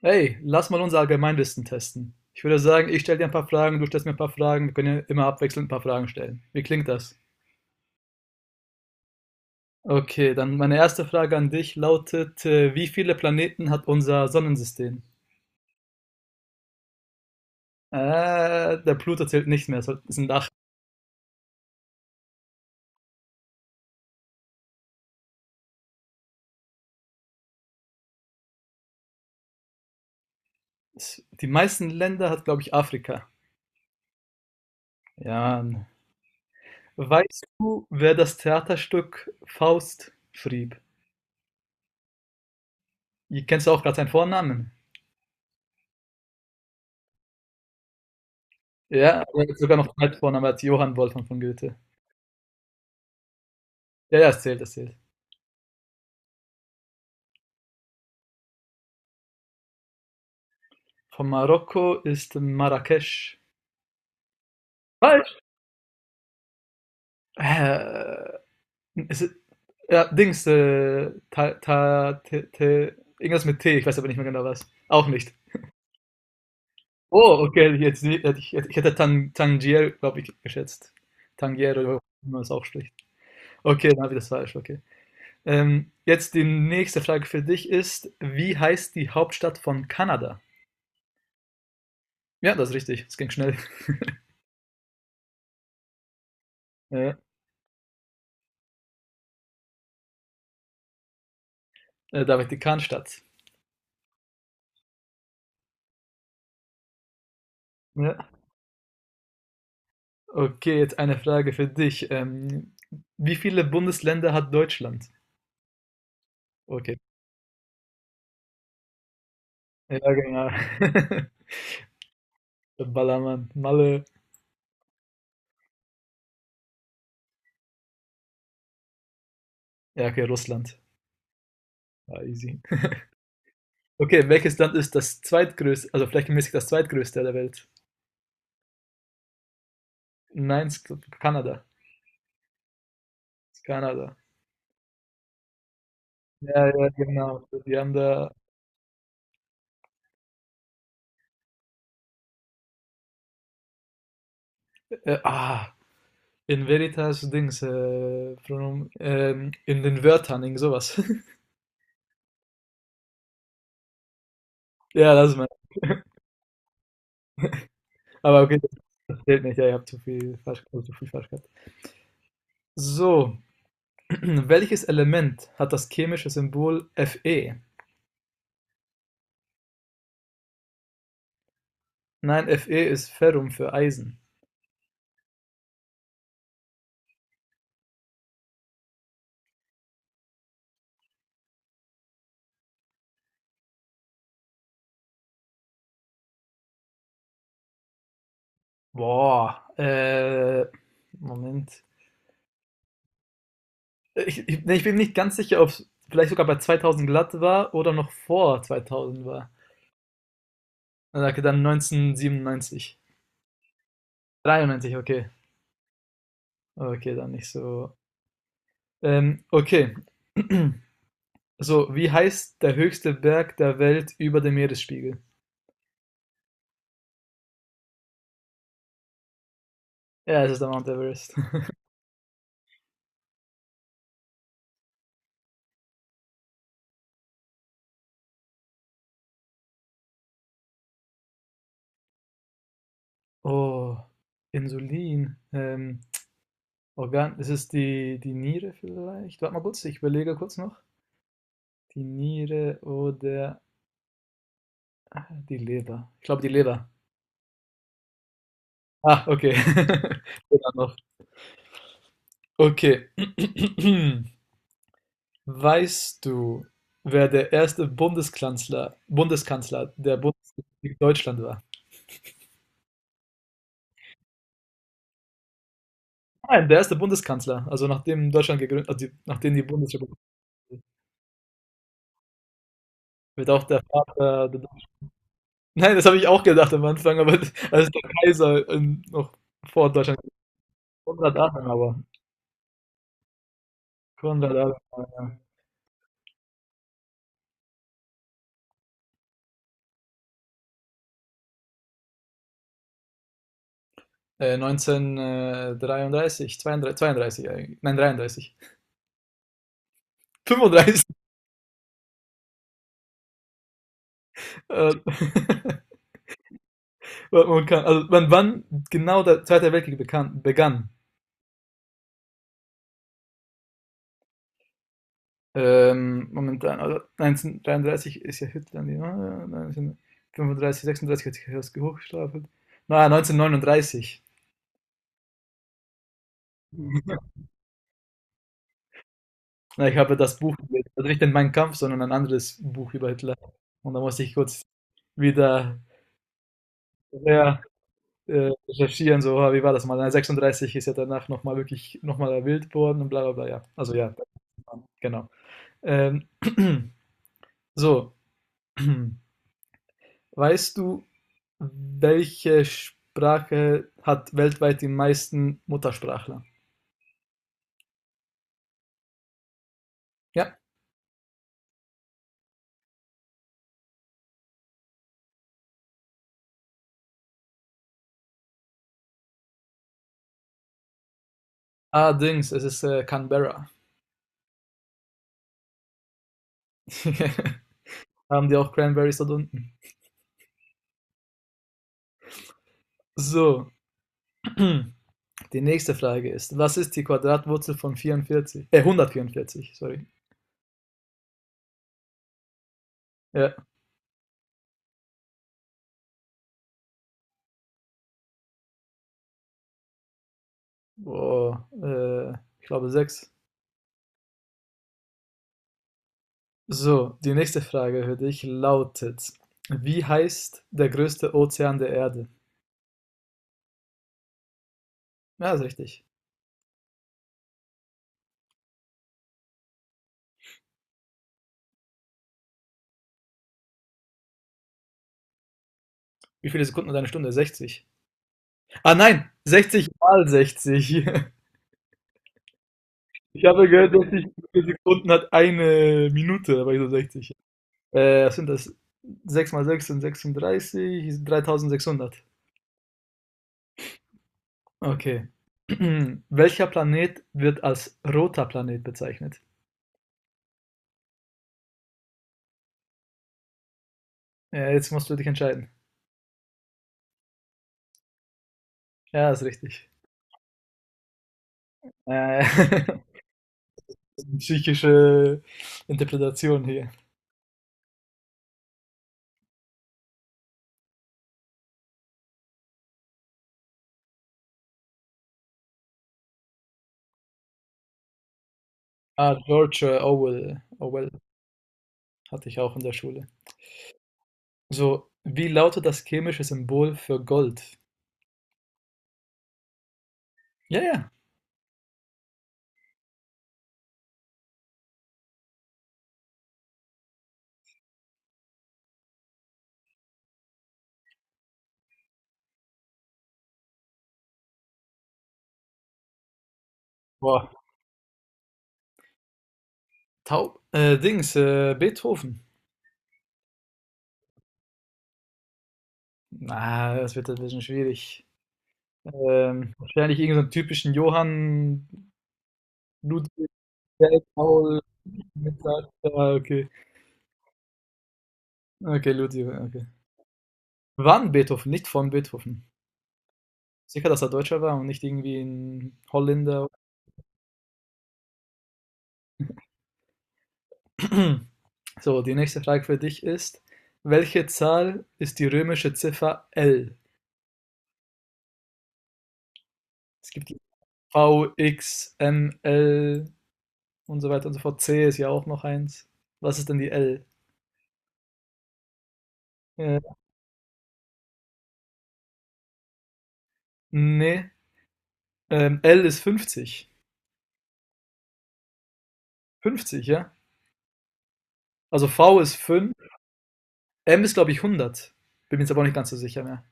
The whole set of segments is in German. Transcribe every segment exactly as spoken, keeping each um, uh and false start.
Hey, lass mal unser Allgemeinwissen testen. Ich würde sagen, ich stelle dir ein paar Fragen, du stellst mir ein paar Fragen. Wir können ja immer abwechselnd ein paar Fragen stellen. Wie klingt das? Okay, dann meine erste Frage an dich lautet, äh, wie viele Planeten hat unser Sonnensystem? Äh, Der Pluto zählt nicht mehr, es sind acht. Die meisten Länder hat, glaube ich, Afrika. Ja. Weißt du, wer das Theaterstück Faust schrieb? Ihr kennst du auch gerade seinen Vornamen? Ja, aber er hat sogar noch einen Vornamen als Johann Wolfgang von Goethe. Ja, ja, es zählt, es zählt. Von Marokko ist Marrakesch. Falsch. Äh, ist, es- ja, Dings, äh, ta, ta, te, te, irgendwas mit T, ich weiß aber nicht mehr genau was. Auch nicht. Oh, okay, jetzt, hätte ich, ich hätte Tan, Tangier, glaube ich, geschätzt. Tangier oder wie man es auch spricht. Okay, dann habe ich das falsch, okay. Ähm, jetzt die nächste Frage für dich ist, wie heißt die Hauptstadt von Kanada? Ja, das ist richtig, es ging schnell. Äh, äh, David die Kahnstadt. Ja. Okay, jetzt eine Frage für dich. Ähm, wie viele Bundesländer hat Deutschland? Okay. Ja, genau. Ballermann, Malle. Ja, okay, Russland. Ja, easy. Okay, welches Land ist das zweitgrößte, also flächenmäßig das zweitgrößte der Welt? Nein, es- Kanada. Kanada. Ja, ja, genau. Die haben da. äh, ah, in veritas Dings, äh, Pronomen, ähm, in den Wörtern, irgend sowas. Ja, lass mal. Aber okay, das zählt nicht. Ja, ihr habt zu viel falsch, also zu viel falsch gehabt. So, welches Element hat das chemische Symbol Fe? Nein, Fe ist Ferrum für Eisen. Boah, äh, Moment. Ich, ich, nee, ich bin nicht ganz sicher, ob es vielleicht sogar bei zweitausend glatt war oder noch vor zweitausend war. Na, danke, dann neunzehnhundertsiebenundneunzig. dreiundneunzig, okay. Okay, dann nicht so. Ähm, okay. So, wie heißt der höchste Berg der Welt über dem Meeresspiegel? Ja, es ist der Mount Everest. Oh, Insulin. Ähm, Organ, ist es die, die Niere vielleicht? Warte mal kurz, ich überlege kurz noch. Die Niere oder die Leber. Ich glaube, die Leber. Ah, okay. Leber noch. Okay. Weißt du, wer der erste Bundeskanzler, Bundeskanzler der Bundesrepublik Deutschland war? Nein, der erste Bundeskanzler, also nachdem Deutschland gegründet, also die, nachdem die Bundesrepublik wird auch der Vater. Der, nein, das habe ich auch gedacht am Anfang, aber als der Kaiser ähm, noch vor Deutschland hundert Jahre, aber hundert Jahre. Ja. Äh, neunzehnhundertdreiunddreißig, zweiunddreißig, zweiunddreißig eigentlich. Nein, dreiunddreißig. fünfunddreißig. Äh, man kann, also wann, wann genau der Zweite Weltkrieg bekann, begann? Ähm, momentan, also neunzehnhundertdreiunddreißig ist ja Hitler, die, ne? neunzehnhundertfünfunddreißig, sechsunddreißig hat sich ja erst hochgestapelt. Na, neunzehnhundertneununddreißig. Na, ich habe das Buch gelesen. Also nicht den Mein Kampf, sondern ein anderes Buch über Hitler. Und da musste ich kurz wieder. Ja, äh, recherchieren, so, ah, wie war das mal? Na, sechsunddreißig ist ja danach nochmal wirklich nochmal wild geworden und bla bla bla, ja. Also ja, genau. Ähm, so, weißt du, welche Sprache hat weltweit die meisten Muttersprachler? Ja. Allerdings, es ist äh, Canberra. Haben die auch Cranberries dort unten? So, die nächste Frage ist, was ist die Quadratwurzel von vierundvierzig? Äh, hundertvierundvierzig, sorry. Ja, Boah, äh, ich glaube sechs. So, die nächste Frage für dich lautet: Wie heißt der größte Ozean der Erde? Ja, ist richtig. Wie viele Sekunden hat eine Stunde? sechzig. Ah nein, sechzig mal sechzig. Ich habe gehört, sechzig Sekunden hat eine Minute, aber ich so sechzig. Äh, was sind das? Sechs mal sechs sind sechsunddreißig, ist dreitausendsechshundert. Okay. Welcher Planet wird als roter Planet bezeichnet? Ja, jetzt musst du dich entscheiden. Ja, ist richtig. Äh, psychische Interpretation hier. Ah, George äh, Orwell. Orwell hatte ich auch in der Schule. So, wie lautet das chemische Symbol für Gold? Ja, ja. Boah. Taub. Äh, Dings, äh, Beethoven. Na, das wird ein bisschen schwierig. Ähm, wahrscheinlich irgendeinen so typischen Johann Ludwig Feld, Paul. Mittag. Ah, okay. Okay, Ludwig, okay. Wann Beethoven, nicht von Beethoven. Sicher, dass er Deutscher war und nicht irgendwie ein Holländer. So, die nächste Frage für dich ist, welche Zahl ist die römische Ziffer L? Es gibt die V, X, M, L und so weiter und so fort. C ist ja auch noch eins. Was ist denn die L? Äh, nee, ähm, L ist fünfzig. fünfzig, ja? Also V ist fünf, M ist glaube ich hundert. Bin mir jetzt aber auch nicht ganz so sicher mehr.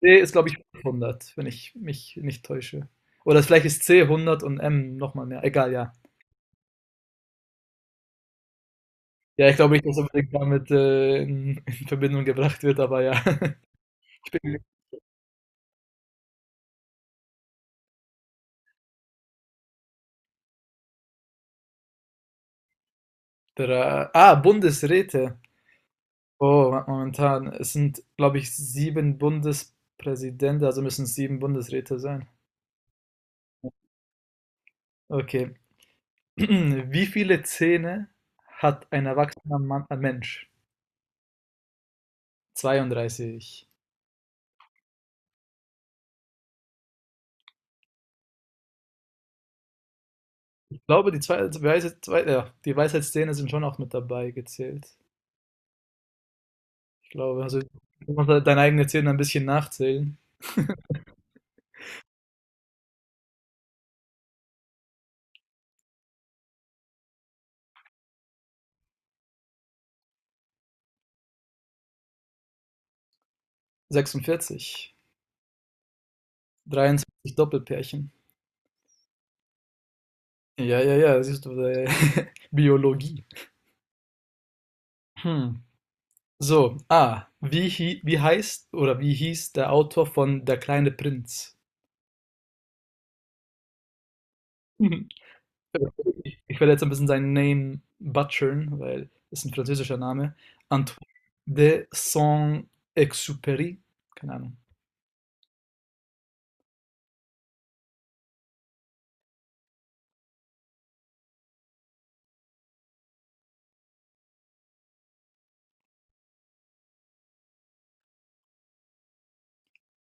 C ist glaube ich hundert, wenn ich mich nicht täusche. Oder vielleicht ist C hundert und M nochmal mehr. Egal, ja. Ja, ich glaube nicht, dass unbedingt damit, äh, in in Verbindung gebracht wird, aber ja. Ich bin dra ah, Bundesräte. Oh, momentan. Es sind, glaube ich, sieben Bundespräsidenten, also müssen es sieben Bundesräte sein. Okay. Wie viele Zähne hat ein erwachsener Mann, ein Mensch? zweiunddreißig. Ich glaube, die zwei, Weisheit, zwei, ja, die Weisheitszähne sind schon auch mit dabei gezählt. Ich glaube, also du musst halt deine eigenen Zähne ein bisschen nachzählen. sechsundvierzig. dreiundzwanzig Doppelpärchen. Ja, ja, ja, siehst du, äh, Biologie. Hm. So, ah, wie, hi- wie heißt oder wie hieß der Autor von Der kleine Prinz? Mhm. Ich, ich werde jetzt ein bisschen seinen Namen butchern, weil es ein französischer Name. Antoine de Saint-Exupéry. Keine Ahnung.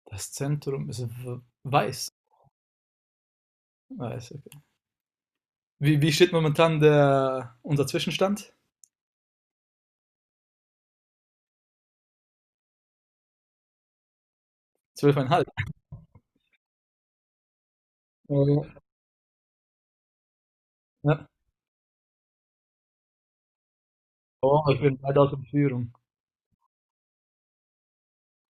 Das Zentrum ist w- weiß. Weiß, okay. Wie, wie steht momentan der, unser Zwischenstand? zwölf Komma fünf. Oh, ja. Ja. Oh, ich bin weit aus der Führung.